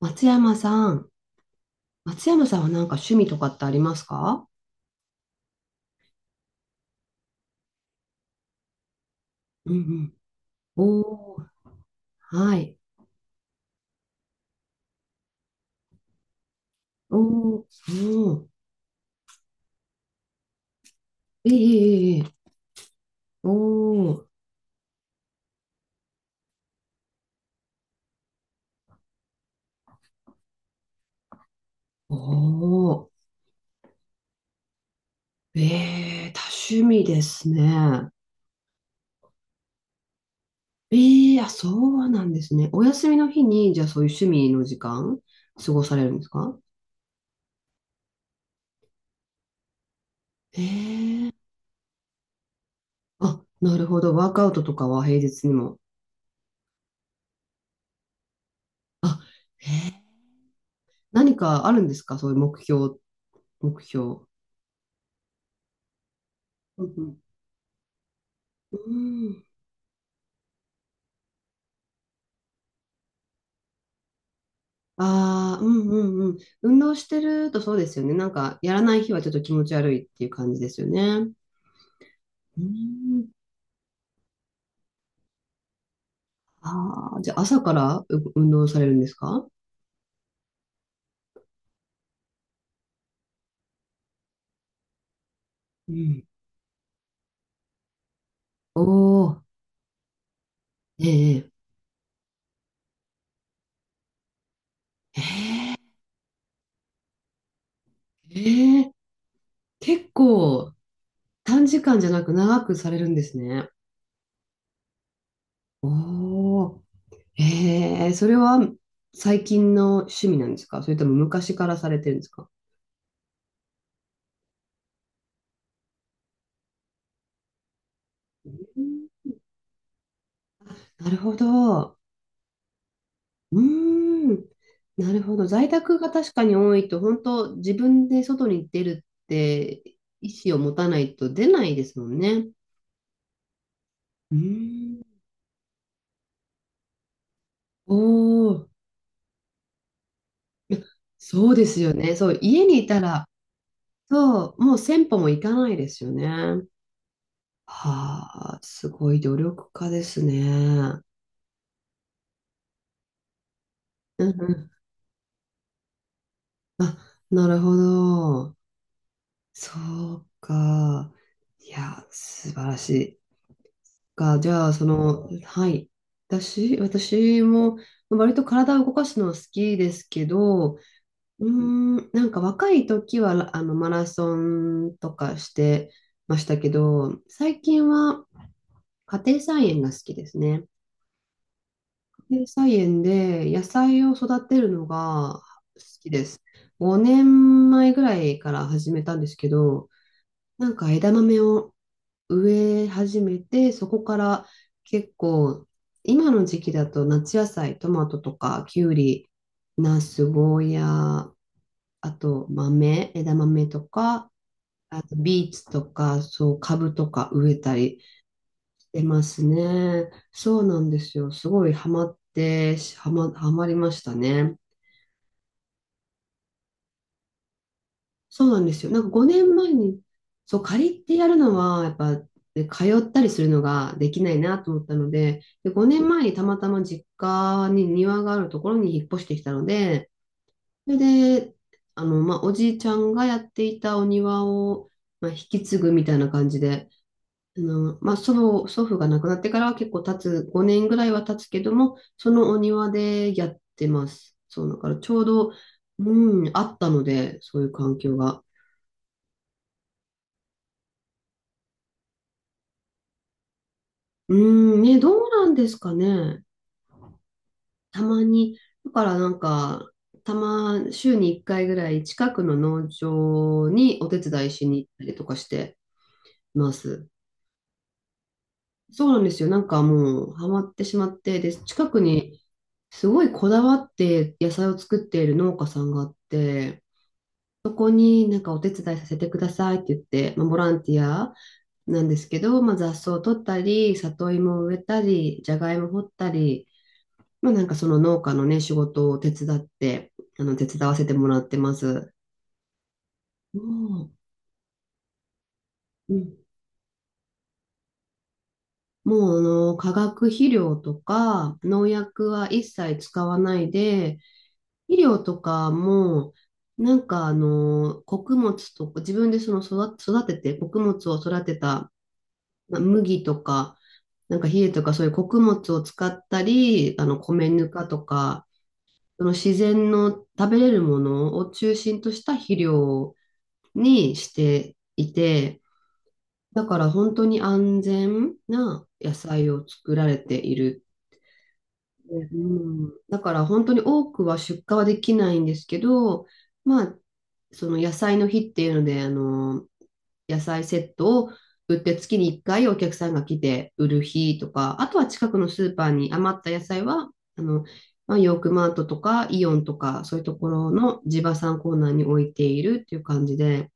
松山さん。松山さんはなんか趣味とかってありますか？うん、うん。おー、はい。おー、おー、ええええええ、おー、おー、ええ、多趣味ですね。ええ、あ、そうなんですね。お休みの日に、じゃあそういう趣味の時間、過ごされるんですか？ええ、あ、なるほど。ワークアウトとかは平日にも。あ、ええ、何かあるんですか？そういう目標、目標。うん、うん。ああ、うん、うん、うん。運動してるとそうですよね。なんか、やらない日はちょっと気持ち悪いっていう感じですよね。うん。ああ、じゃあ朝から運動されるんですか？うん。おお、ええ、ええ、結構短時間じゃなく長くされるんですね。おお、ええ、それは最近の趣味なんですか？それとも昔からされてるんですか？うん、なるほど。うーん。なるほど。在宅が確かに多いと、本当自分で外に出るって意思を持たないと出ないですもんね。うーん。おお、そうですよね。そう、家にいたら、そう、もう1000歩も行かないですよね。はあ、すごい努力家ですね。うん、うん。あ、なるほど。そうか。いや、素晴らしい。じゃあ、その、はい。私も、割と体を動かすのは好きですけど、うーん、なんか若い時は、マラソンとかしてましたけど、最近は家庭菜園が好きですね。家庭菜園で野菜を育てるのが好きです。5年前ぐらいから始めたんですけど、なんか枝豆を植え始めて、そこから結構、今の時期だと夏野菜、トマトとか、きゅうり、ナス、ゴーヤー、あと豆、枝豆とか、あとビーツとか、そう、株とか植えたりしてますね。そうなんですよ。すごいハマって、ハマりましたね。そうなんですよ。なんか5年前に、そう、借りてやるのは、やっぱ、ね、通ったりするのができないなと思ったので、で、5年前にたまたま実家に庭があるところに引っ越してきたので、それで、まあ、おじいちゃんがやっていたお庭を、まあ、引き継ぐみたいな感じで、まあ、祖母、祖父が亡くなってからは結構経つ、5年ぐらいは経つけども、そのお庭でやってます。そう、だからちょうど、うん、あったので、そういう環境が。うーん、ね、どうなんですかね。たまに、だからなんか、週に1回ぐらい近くの農場にお手伝いしに行ったりとかしてます。そうなんですよ。なんかもうハマってしまって、で、近くにすごいこだわって野菜を作っている農家さんがあって、ここになんかお手伝いさせてくださいって言って、まあ、ボランティアなんですけど、まあ、雑草を取ったり、里芋を植えたり、じゃがいも掘ったり、まあなんかその農家のね、仕事を手伝って、手伝わせてもらってます。もう、うん、もう化学肥料とか農薬は一切使わないで、肥料とかも、なんか穀物とか、自分でその育てて、穀物を育てた、まあ、麦とか、なんか稗とかそういう穀物を使ったり、米ぬかとか、その自然の食べれるものを中心とした肥料にしていて、だから本当に安全な野菜を作られている。うん、だから本当に多くは出荷はできないんですけど、まあ、その野菜の日っていうので、野菜セットを売って月に1回お客さんが来て売る日とか、あとは近くのスーパーに余った野菜は、あの、まあ、ヨークマートとかイオンとかそういうところの地場産コーナーに置いているっていう感じで、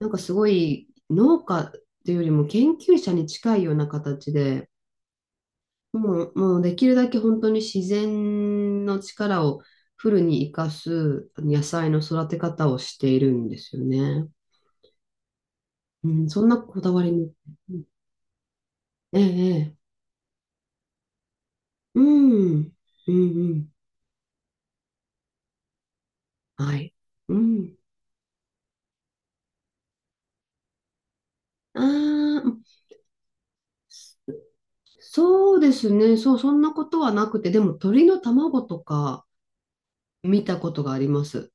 なんかすごい農家っていうよりも研究者に近いような形で、もうできるだけ本当に自然の力をフルに活かす野菜の育て方をしているんですよね。うん、そんなこだわりも。うん、ええ、ええ、うん、うん、うん、はい。うん。ああ、そうですね。そう、そんなことはなくて、でも鳥の卵とか見たことがあります。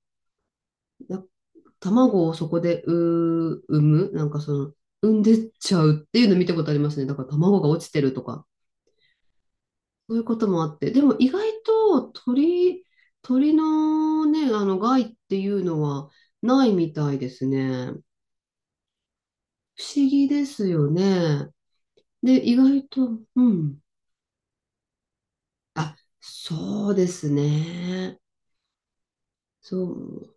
卵をそこで産む、なんかその、産んでっちゃうっていうの見たことありますね。だから卵が落ちてるとか、そういうこともあって。でも意外と鳥、のね、害っていうのはないみたいですね。不思議ですよね。で、意外と、うん。あ、そうですね。そう。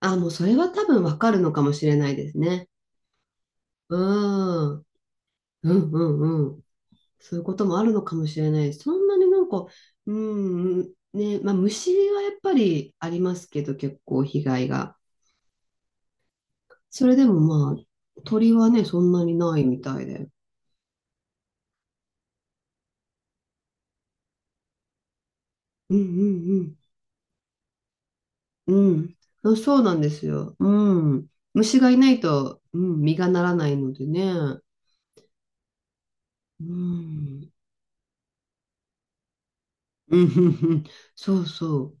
あ、もうそれは多分わかるのかもしれないですね。うん。うん、うん、うん。そういうこともあるのかもしれない。そんなになんか、うん、ね、まあ虫はやっぱりありますけど、結構被害が。それでもまあ、鳥はね、そんなにないみたいで。うん、うん、うん。うん。あ、そうなんですよ。うん。虫がいないと、うん、実がならないのでね。うん。うん、うん、うん。そうそう。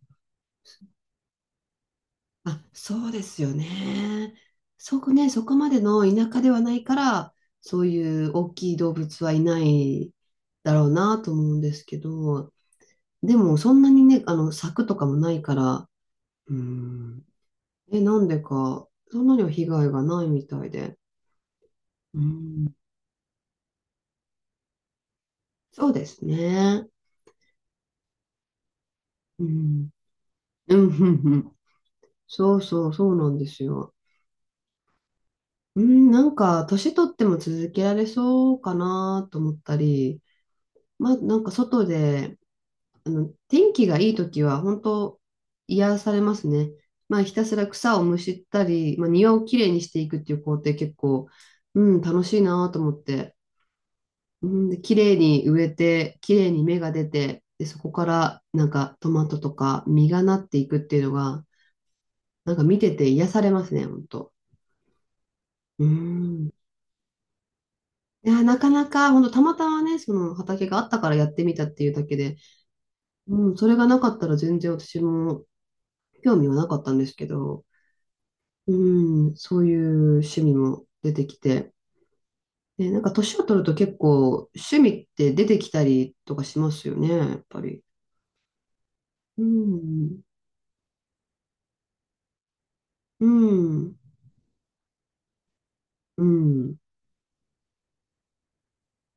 あ、そうですよね。そこね、そこまでの田舎ではないから、そういう大きい動物はいないだろうなと思うんですけど、でもそんなにね、柵とかもないから、うん、なんでか、そんなには被害がないみたいで。うん、そうですね。うん、うん、うん、うん、そうそう、そうなんですよ。うん、なんか、年取っても続けられそうかなと思ったり、まあ、なんか外で、天気がいい時は本当癒されますね。まあ、ひたすら草をむしったり、まあ、庭をきれいにしていくっていう工程結構、うん、楽しいなと思って、うん、で、きれいに植えて、きれいに芽が出て、で、そこからなんかトマトとか実がなっていくっていうのが、なんか見てて癒されますね、本当。うん。いや、なかなか、本当たまたまね、その畑があったからやってみたっていうだけで、うん、それがなかったら全然私も興味はなかったんですけど、うん、そういう趣味も出てきて。で、なんか年を取ると結構趣味って出てきたりとかしますよね、やっぱり。うん、うん、うん。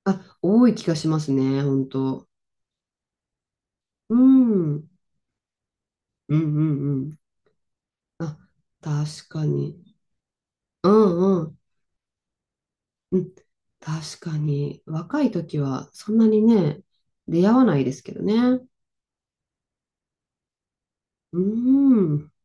あ、多い気がしますね、本当。うん、うん、うん、うん。あ、確かに。うん、うん、うん。確かに。若い時はそんなにね、出会わないですけどね。うん。